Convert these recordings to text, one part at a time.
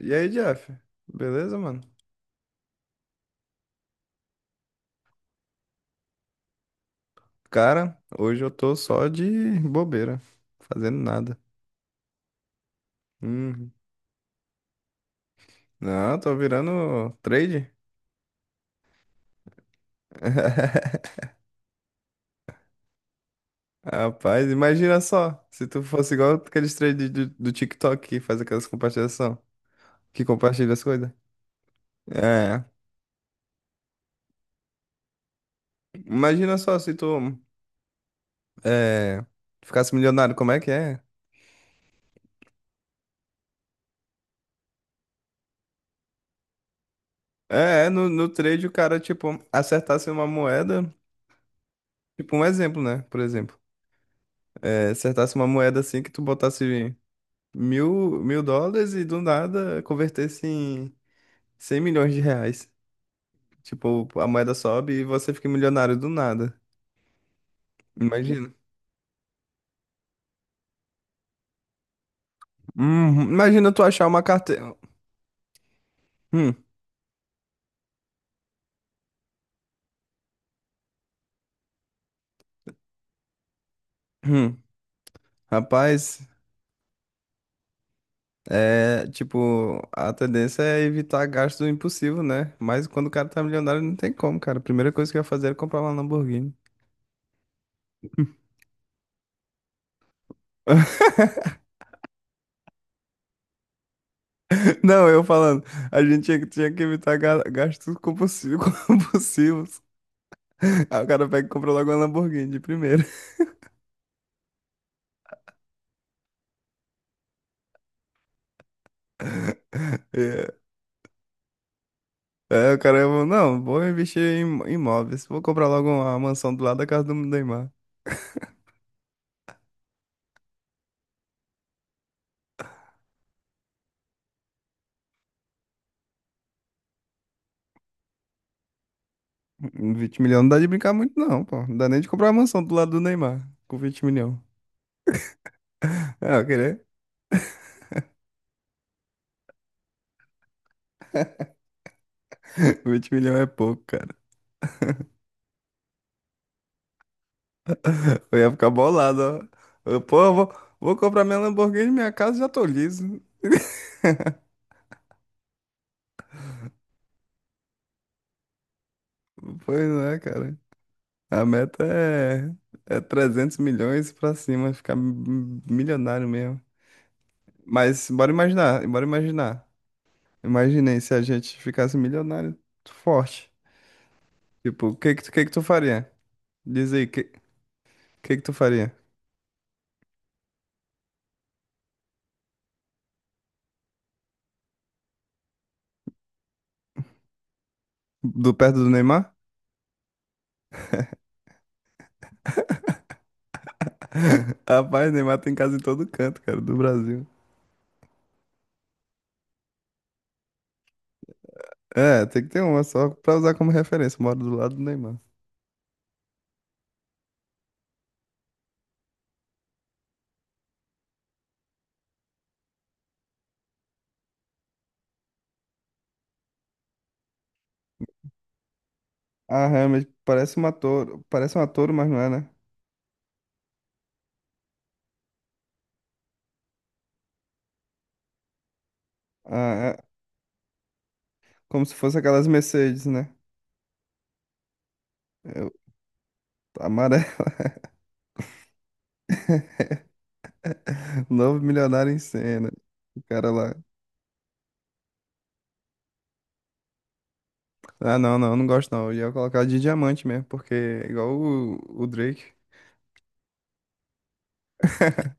E aí, Jeff? Beleza, mano? Cara, hoje eu tô só de bobeira, fazendo nada. Hum. Não, tô virando trade. Rapaz, imagina só, se tu fosse igual aqueles trades do TikTok que faz aquelas compartilhação, que compartilha as coisas. É, imagina só se tu é, ficasse milionário, como é que é? No trade o cara, tipo, acertasse uma moeda, tipo um exemplo, né? Por exemplo, acertasse uma moeda assim que tu botasse mil, mil dólares e do nada converter se em 100 milhões de reais. Tipo, a moeda sobe e você fica milionário do nada. Imagina. Imagina tu achar uma carteira. Hum, hum. Rapaz, é tipo, a tendência é evitar gasto impossível, né? Mas quando o cara tá milionário, não tem como, cara. A primeira coisa que eu ia fazer era comprar uma Lamborghini. Não, eu falando, a gente tinha que evitar gastos compulsivos. Compulsivos. Aí o cara pega e compra logo uma Lamborghini de primeira. É, o cara falou, não, vou investir em imóveis. Vou comprar logo uma mansão do lado da casa do Neymar. Com 20 milhões não dá de brincar muito, não, pô. Não dá nem de comprar uma mansão do lado do Neymar com vinte milhões. Ah, querer? Vinte milhões é pouco, cara. Eu ia ficar bolado, ó. Eu, pô, vou comprar minha Lamborghini, minha casa já tô liso. Pois não é, cara. A meta é 300 milhões pra cima, ficar milionário mesmo. Mas bora imaginar, bora imaginar. Imaginei se a gente ficasse milionário forte. Tipo, o que que tu faria? Diz aí, que tu faria? Do perto do Neymar? Rapaz, Neymar tem casa em todo canto, cara, do Brasil. É, tem que ter uma só pra usar como referência. Moro do lado do Neymar. Ah, realmente, parece uma Toro. Parece uma Toro, mas não é, né? Ah, é como se fosse aquelas Mercedes, né? Eu, amarela. Novo milionário em cena. O cara lá. Ah, não, não, não gosto não. Eu ia colocar de diamante mesmo, porque é igual o Drake.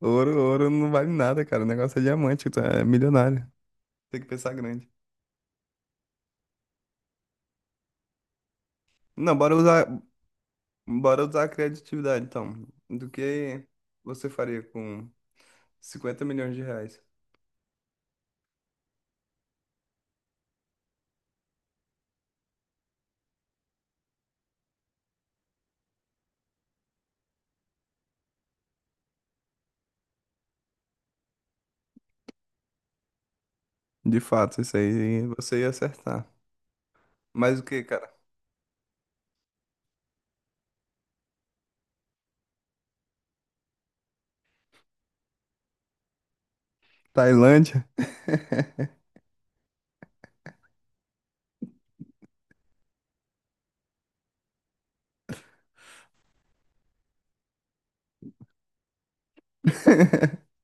Ouro, ouro não vale nada, cara. O negócio é diamante, tu é milionário. Tem que pensar grande. Não, bora usar, Bora usar a criatividade, então. Do que você faria com cinquenta milhões de reais? De fato, isso aí você ia acertar. Mas o que, cara? Tailândia?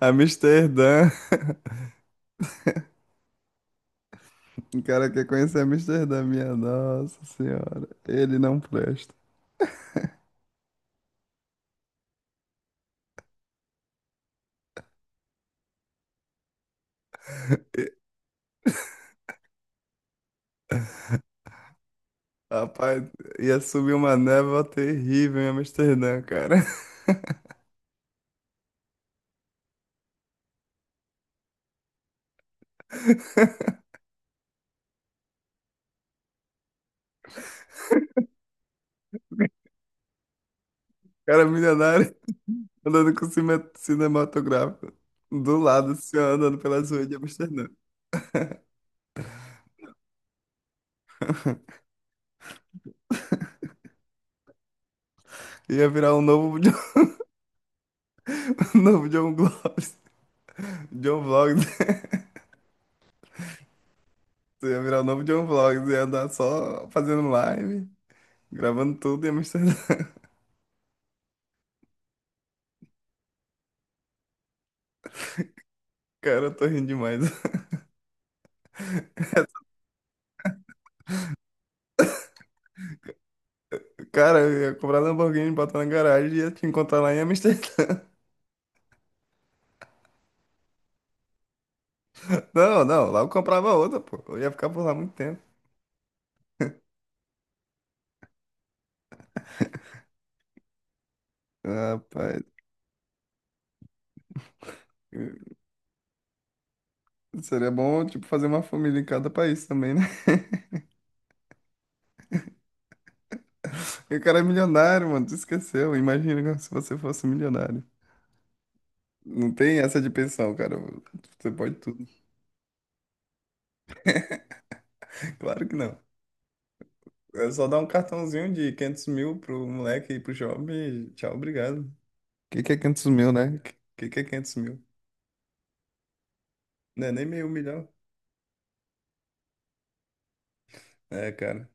Amsterdã? O cara quer conhecer Amsterdã, minha nossa senhora. Ele não presta. E- Rapaz, ia subir uma névoa terrível em Amsterdã, cara. Cara milionário andando com cinematográfico. Do lado, assim, ó, andando pelas ruas de Amsterdã. Ia virar um novo John Vlogs. John Vlogs. Tu ia virar o novo John Vlogs. Ia andar só fazendo live, gravando tudo em Amsterdã. Cara, eu tô rindo demais. Cara, eu ia comprar Lamborghini, botar na garagem e ia te encontrar lá em Amsterdã. Não, não, lá eu comprava outra, pô. Eu ia ficar por lá muito tempo. Rapaz, seria bom, tipo, fazer uma família em cada país também, né? E o cara é milionário, mano, tu esqueceu. Imagina se você fosse milionário. Não tem essa de pensão, cara. Você pode tudo. Claro que não. É só dar um cartãozinho de 500 mil pro moleque e pro jovem e tchau, obrigado. O que que é 500 mil, né? O que que é 500 mil? Não é nem meio milhão. É, cara.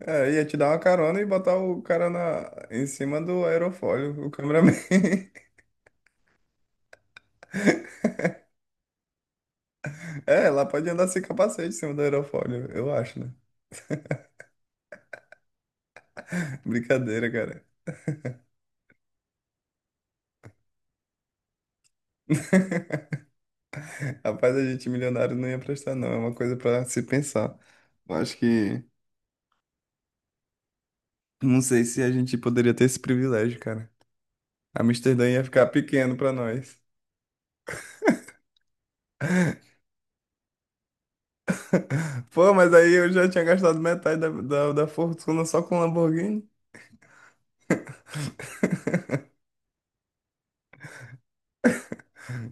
É, ia te dar uma carona e botar o cara em cima do aerofólio, o cameraman. É, lá pode andar sem capacete em cima do aerofólio, eu acho, né? Brincadeira, cara. Rapaz, a gente milionário não ia prestar, não. É uma coisa pra se pensar. Eu acho que. Não sei se a gente poderia ter esse privilégio, cara. Amsterdã ia ficar pequeno pra nós. Pô, mas aí eu já tinha gastado metade da fortuna só com Lamborghini.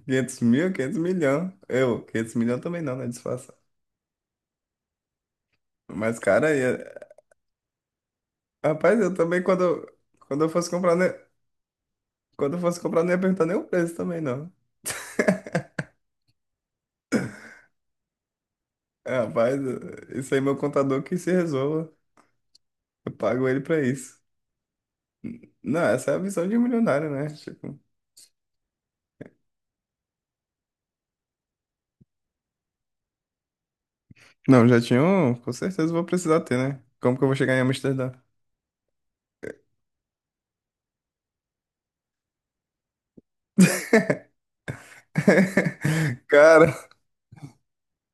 500 mil, 500 milhão. Eu, 500 milhão também não, né? Disfarça. Mas, cara, ia... Rapaz, eu também, quando eu fosse comprar, né? Quando eu fosse comprar, não ia perguntar nem o preço também, não. É, rapaz, isso aí, meu contador que se resolva. Eu pago ele pra isso. Não, essa é a visão de um milionário, né? Tipo, não, já tinha um, com certeza vou precisar ter, né? Como que eu vou chegar em Amsterdã? Cara,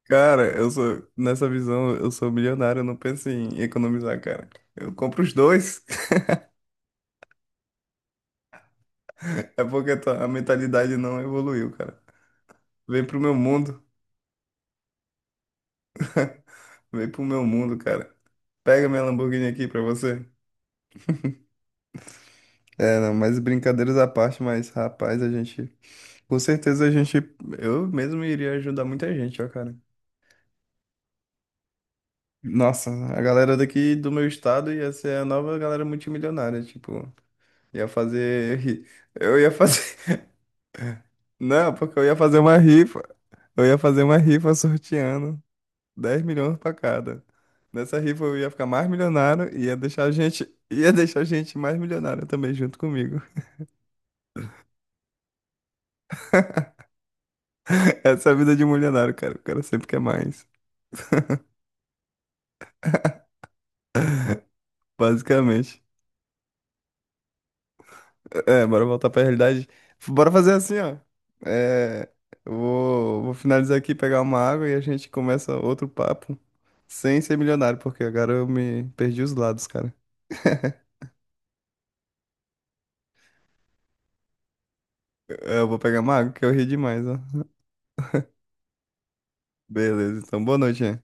Cara, eu sou, nessa visão, eu sou milionário, eu não penso em economizar, cara. Eu compro os dois. É porque a mentalidade não evoluiu, cara. Vem pro meu mundo, vem pro meu mundo, cara. Pega minha Lamborghini aqui pra você. É, não, mas brincadeiras à parte, mas rapaz, a gente. Com certeza a gente. Eu mesmo iria ajudar muita gente, ó, cara. Nossa, a galera daqui do meu estado ia ser a nova galera multimilionária, tipo. Ia fazer. ri- Eu ia fazer. Não, porque eu ia fazer uma rifa. Eu ia fazer uma rifa sorteando 10 milhões pra cada. Nessa rifa eu ia ficar mais milionário e ia deixar a gente, ia deixar a gente mais milionário também junto comigo. Essa é a vida de um milionário, cara. O cara sempre quer mais, basicamente. É, bora voltar pra realidade. Bora fazer assim, ó. É, vou finalizar aqui, pegar uma água e a gente começa outro papo sem ser milionário, porque agora eu me perdi os lados, cara. É, eu vou pegar uma água que eu ri demais, ó. Beleza, então boa noite, hein?